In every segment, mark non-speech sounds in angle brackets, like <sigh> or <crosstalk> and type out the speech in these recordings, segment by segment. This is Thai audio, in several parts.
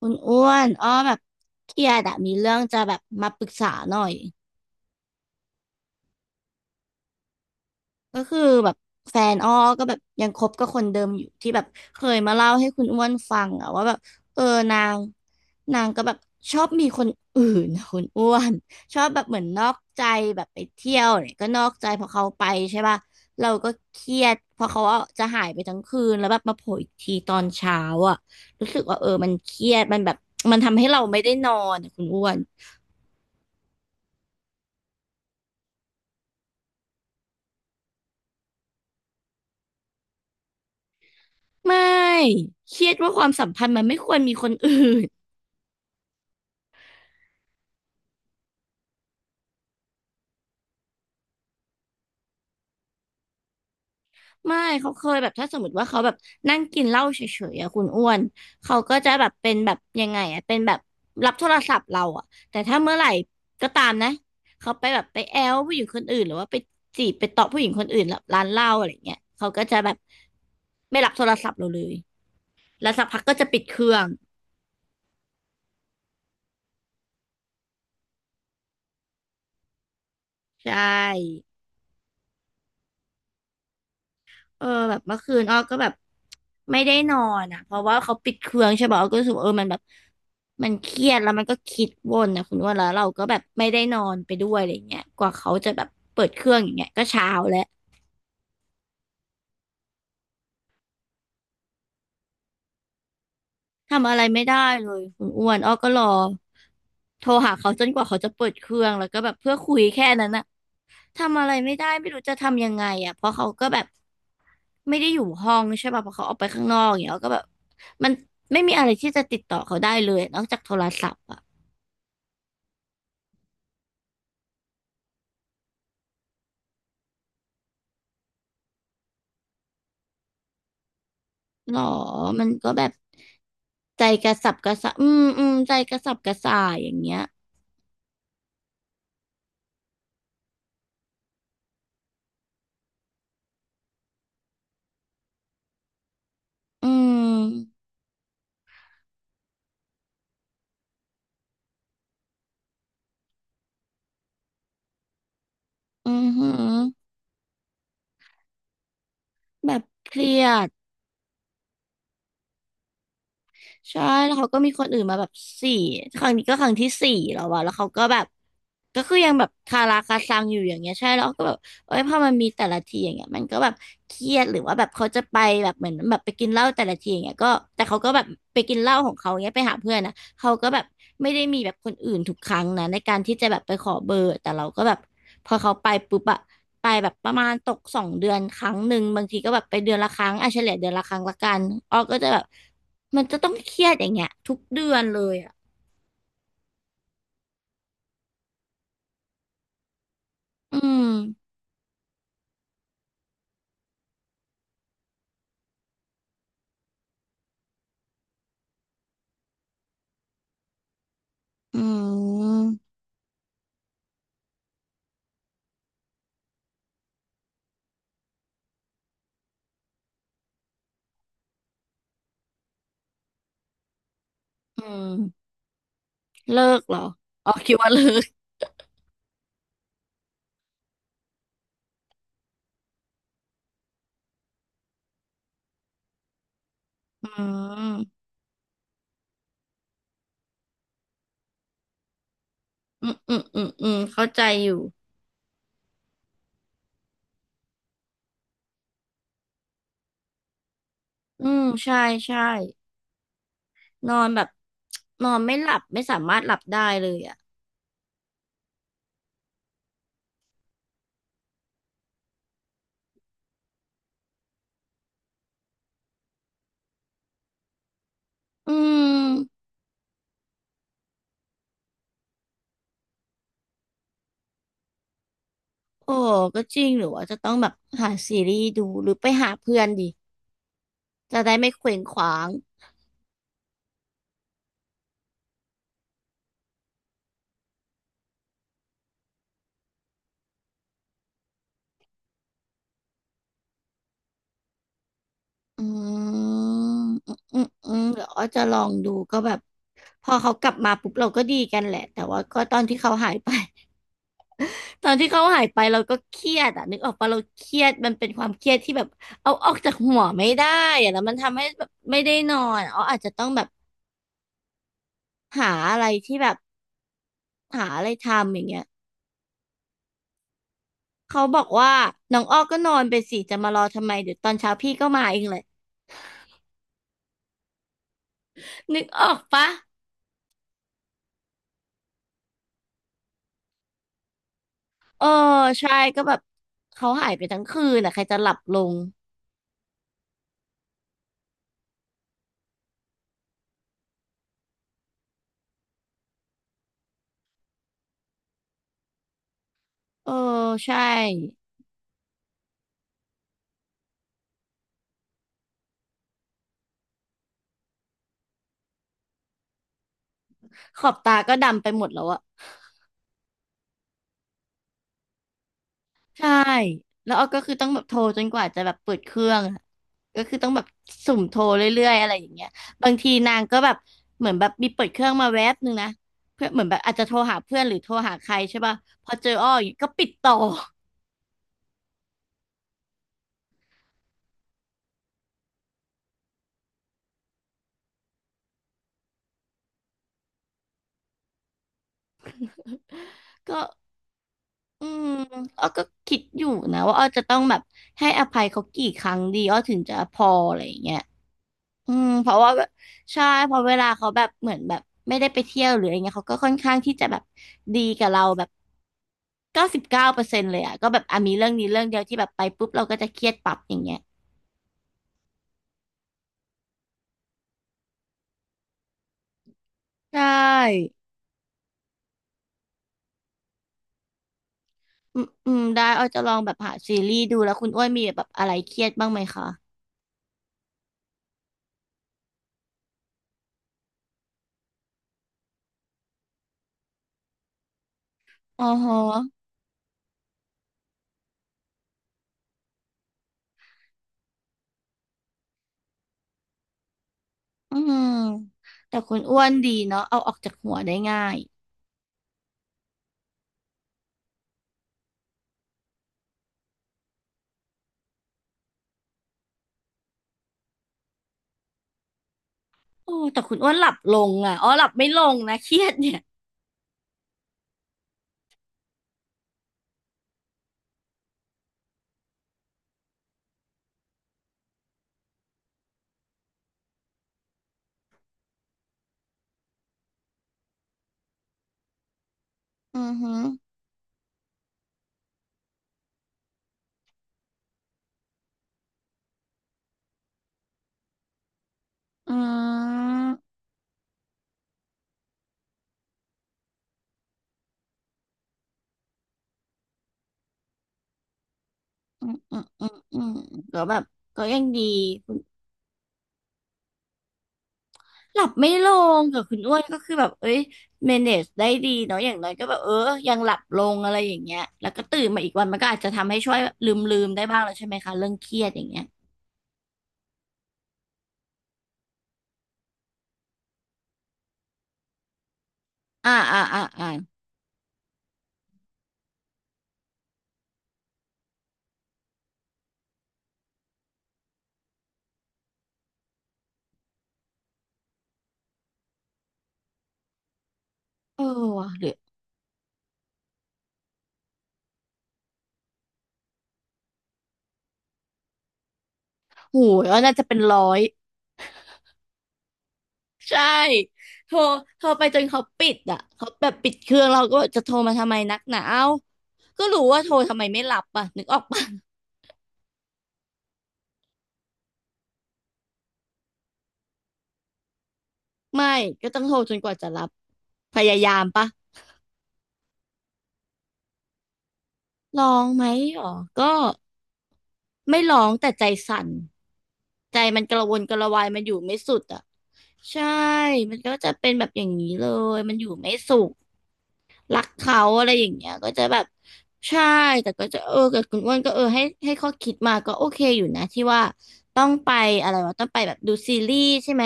คุณอ้วนอ้อแบบเครียดอะมีเรื่องจะแบบมาปรึกษาหน่อย ก็คือแบบแฟนอ้อก็แบบยังคบกับคนเดิมอยู่ที่แบบเคยมาเล่าให้คุณอ้วนฟังอะว่าแบบเออนางนางก็แบบชอบมีคนอื่นนะคุณอ้วน <laughs> ชอบแบบเหมือนนอกใจแบบไปเที่ยวเนี่ยก็นอกใจพอเขาไปใช่ป่ะเราก็เครียดเพอเขาอะจะหายไปทั้งคืนแล้วแบบมาโผล่อีกทีตอนเช้าอะรู้สึกว่าเออมันเครียดมันแบบมันทำให้เราไม่ได้นอนอะคุณอ้วน ไม่เครียดว่าความสัมพันธ์มันไม่ควรมีคนอื่น <laughs> ไม่เขาเคยแบบถ้าสมมติว่าเขาแบบนั่งกินเหล้าเฉยๆอะคุณอ้วนเขาก็จะแบบเป็นแบบยังไงอะเป็นแบบรับโทรศัพท์เราอะแต่ถ้าเมื่อไหร่ก็ตามนะเขาไปแบบไปแอลผู้หญิงคนอื่นหรือว่าไปจีบไปเตาะผู้หญิงคนอื่นแบบร้านเหล้าอะไรเงี้ยเขาก็จะแบบไม่รับโทรศัพท์เราเลยแล้วสักพักก็จะปิดเครื่องใช่ เออแบบเมื่อคืนอ้อก็แบบไม่ได้นอนอ่ะเพราะว่าเขาปิดเครื่องใช่ป่ะอ้อก็รู้สึกว่าเออมันแบบมันเครียดแล้วมันก็คิดวนนะคุณว่าแล้วเราก็แบบไม่ได้นอนไปด้วยอะไรเงี้ยกว่าเขาจะแบบเปิดเครื่องอย่างเงี้ยก็เช้าแล้วทำอะไรไม่ได้เลยคุณอ้วนอ้อก็รอโทรหาเขาจนกว่าเขาจะเปิดเครื่องแล้วก็แบบเพื่อคุยแค่นั้นนะ ทำอะไรไม่ได้ไม่รู้จะทำยังไงอ่ะเพราะเขาก็แบบไม่ได้อยู่ห้องใช่ป่ะเพราะเขาออกไปข้างนอกอย่างเงี้ยก็แบบมันไม่มีอะไรที่จะติดต่อเขาได้เลยนอกจากโทรศัพท์อ่ะหรอมันก็แบบใจกระสับกระส่ายอืมอืมใจกระสับกระส่ายอย่างเงี้ยอืมอือหือแบบเครียด ใช่แล้วเขาก็มีคนอื่นมาแบบสี่ครั้งนี้ก็ครั้งที่สี่แล้ววะแล้วเขาก็แบบก็คือยังแบบคาราคาซังอยู่อย่างเงี้ยใช่แล้วก็แบบเอ้ยพอมันมีแต่ละทีอย่างเงี้ยมันก็แบบเครียดหรือว่าแบบเขาจะไปแบบเหมือนแบบไปกินเหล้าแต่ละทีอย่างเงี้ยก็แต่เขาก็แบบไปกินเหล้าของเขาเงี้ยไปหาเพื่อนนะเขาก็แบบไม่ได้มีแบบคนอื่นทุกครั้งนะในการที่จะแบบไปขอเบอร์แต่เราก็แบบ พอเขาไปปุ๊บอะไปแบบประมาณตก2 เดือนครั้งหนึ่งบางทีก็แบบไปเดือนละครั้งอ่ะเฉลี่ยเดือนละครั้งละกันออก็จะแบบมันจะต้องเครียดอย่างเงี้ยทุกเดือนเลยอะอืมอืมอืมเลิกเหรออ๋อคิดว่าเลิกอืมอืมอืมอืมอืมเข้าใจอยู่อืมใช่ใช่นอนแบบนอนไม่หลับไม่สามารถหลับได้เลยอ่ะอืมโอ้ก็จริงหรือว่าจะต้องแบบหาซีรีส์ดูหรือไปหาเพื่อนดี จะได้ไม่เคว้งคว้างอืมอืมอืมอืมเดี๋ยวอ้อจะลองดูก็แบบพอเขากลับมาปุ๊บเราก็ดีกันแหละแต่ว่าก็ตอนที่เขาหายไป <laughs> ตอนที่เขาหายไปเราก็เครียดอ่ะนึกออกปะเราเครียดมันเป็นความเครียดที่แบบเอาออกจากหัวไม่ได้อะแล้วมันทำให้แบบไม่ได้นอนอ๋ออาจจะต้องแบบหาอะไรที่แบบหาอะไรทำอย่างเงี้ยเขาบอกว่าน้องอ้อก็นอนไปสิจะมารอทำไมเดี๋ยวตอนเช้าพี่ก็มาเองเลยนึกออกปะ เออใช่ก็แบบเขาหายไปทั้งคืนอ่ะใครจะหลับลงเออใช่ขอบตาก็ดำไปหมดแล้วอะใช่แล้วอ้อก็คือต้องแบบโทรจนกว่าจะแบบเปิดเครื่องอะก็คือต้องแบบสุ่มโทรเรื่อยๆอะไรอย่างเงี้ยบางทีนางก็แบบเหมือนแบบมีเปิดเครื่องมาแวบนึงนะเพื่อเหมือนแบบอาจจะโทรหาเพื่อนหรือโทรหาใครใช่ป่ะพอเจออ้ออย่างเงี้ยก็ปิดต่อ <laughs> ก็ อืมอ้อก็คิดอยู่นะว่าอ้อจะต้องแบบให้อภัยเขากี่ครั้งดีอ้อถึงจะพออะไรอย่างเงี้ยอืมเพราะว่าแบบใช่เพอเวลาเขาแบบเหมือนแบบไม่ได้ไปเที่ยวหรืออะไรเงี้ยเขาก็ค่อนข้างที่จะแบบดีกับเราแบบ99%เลยอ่ะก็แบบอ่ะมีเรื่องนี้เรื่องเดียวที่แบบไปปุ๊บเราก็จะเครียดปั๊บอย่างเงี้ยใช่อืมได้อ้อจะลองแบบหาซีรีส์ดูแล้วคุณอ้วนมีแบบอะไรเครียดบ้างไหมคะอ๋อฮะอืมแต่คุณอ้วนดีเนาะเอาออกจากหัวได้ง่าย โอ้แต่คุณอ้วนหลับลงอ่ะอ๋อหลับไม่ลงนะเครียดเนี่ยอือฮึออืมอืมอืมก็แบบก็ยังดีคุณหลับไม่ลงกับคุณอ้วนก็คือแบบเอ้ย manage ได้ดีเนาะอย่างน้อยก็แบบเออยังหลับลงอะไรอย่างเงี้ยแล้วก็ตื่นมาอีกวันมันก็อาจจะทำให้ช่วยลืมได้บ้างแล้วใช่ไหมคะเรื่องเครียดอย่างเงี้ยอ่าอ่าอ่าอ่าเออว่ะหรือโหยอ้วนน่าจะเป็นร้อย ใช่โทรโทรไปจนเขาปิดอ่ะเขาแบบปิดเครื่องเราก็จะโทรมาทำไมนักหนาเอ้าก็รู้ว่าโทรทำไมไม่รับอ่ะนึกออกปะ <laughs> ไม่ก็ต้องโทรจนกว่าจะรับพยายามปะลองไหมหรอก็ไม่ร้องแต่ใจสั่นใจมันกระวนกระวายมันอยู่ไม่สุดอ่ะใช่มันก็จะเป็นแบบอย่างนี้เลยมันอยู่ไม่สุข รักเขาอะไรอย่างเงี้ยก็จะแบบใช่แต่ก็จะเออกับคุณอ้วนก็เออให้ข้อคิดมาก็โอเคอยู่นะที่ว่าต้องไปอะไรวะต้องไปแบบดูซีรีส์ใช่ไหม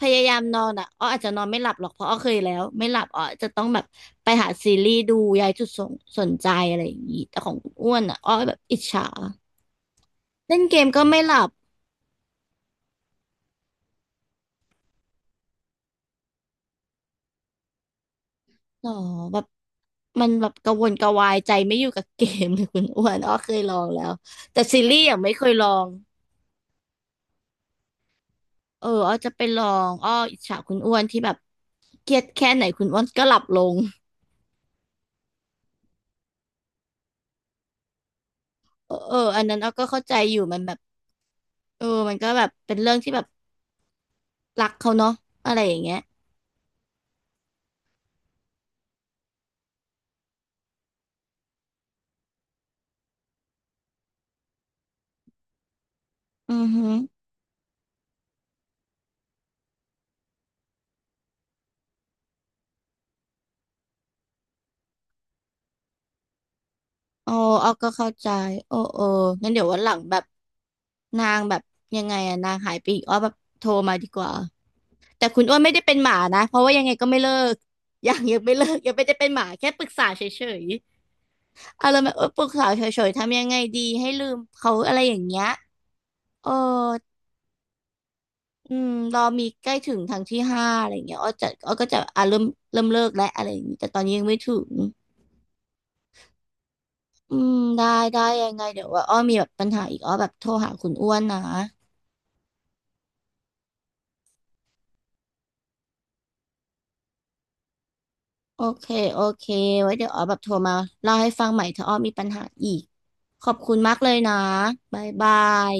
พยายามนอนอ่ะอ้ออาจจะนอนไม่หลับหรอกเพราะอ้อเคยแล้วไม่หลับอ้อจะต้องแบบไปหาซีรีส์ดูย้ายจุดสนใจอะไรอย่างงี้แต่ของคุณอ้วนอ่ะอ้อแบบอิจฉาเล่นเกมก็ไม่หลับอ๋อแบบมันแบบกระวนกระวายใจไม่อยู่กับเกมเลยคุณอ้วนอ้อเคยลองแล้วแต่ซีรีส์ยังไม่เคยลอง เอออ้อจะไปลองอ้ออิจฉาคุณอ้วนที่แบบเครียดแค่ไหนคุณอ้วนก็หลับลงเออเอออันนั้นอ้อก็เข้าใจอยู่มันแบบเออมันก็แบบเป็นเรื่องที่แบบรักเขาเนาะอะไรอย่างเงี้ยอือฮึโอ้อ้อก็เข้าใจโอ้โอ้งั้นเดี๋ยววันหลังแบบนางแบบยังไงอะนางหายไปอีกอ้อแบบโทรมาดีกว่า แต่คุณอ้วนไม่ได้เป็นหมานะเพราะว่ายังไงก็ไม่เลิก <laughs> ยังไม่เลิกยังไม่ได้เป็นหมาแค่ปรึกษาเฉยๆอะไรแบบเออปรึกษาเฉยๆทำยังไงดีให้ลืมเขาอะไรอย่างเงี้ย เอออืมรอมีใกล้ถึงทางที่ห้าอะไรอย่างเงี้ยอ้อก็จะอ่ะเริ่มเลิกแล้วอะไรอย่างงี้แต่ตอนนี้ยังไม่ถึงอืมได้ได้ยังไงเดี๋ยวว่าอ้อมีแบบปัญหาอีกอ้อแบบโทรหาคุณอ้วนนะโอเคโอเคไว้เดี๋ยวอ้อแบบโทรมาเล่าให้ฟังใหม่ถ้าอ้อมีปัญหาอีก ขอบคุณมากเลยนะบ๊ายบาย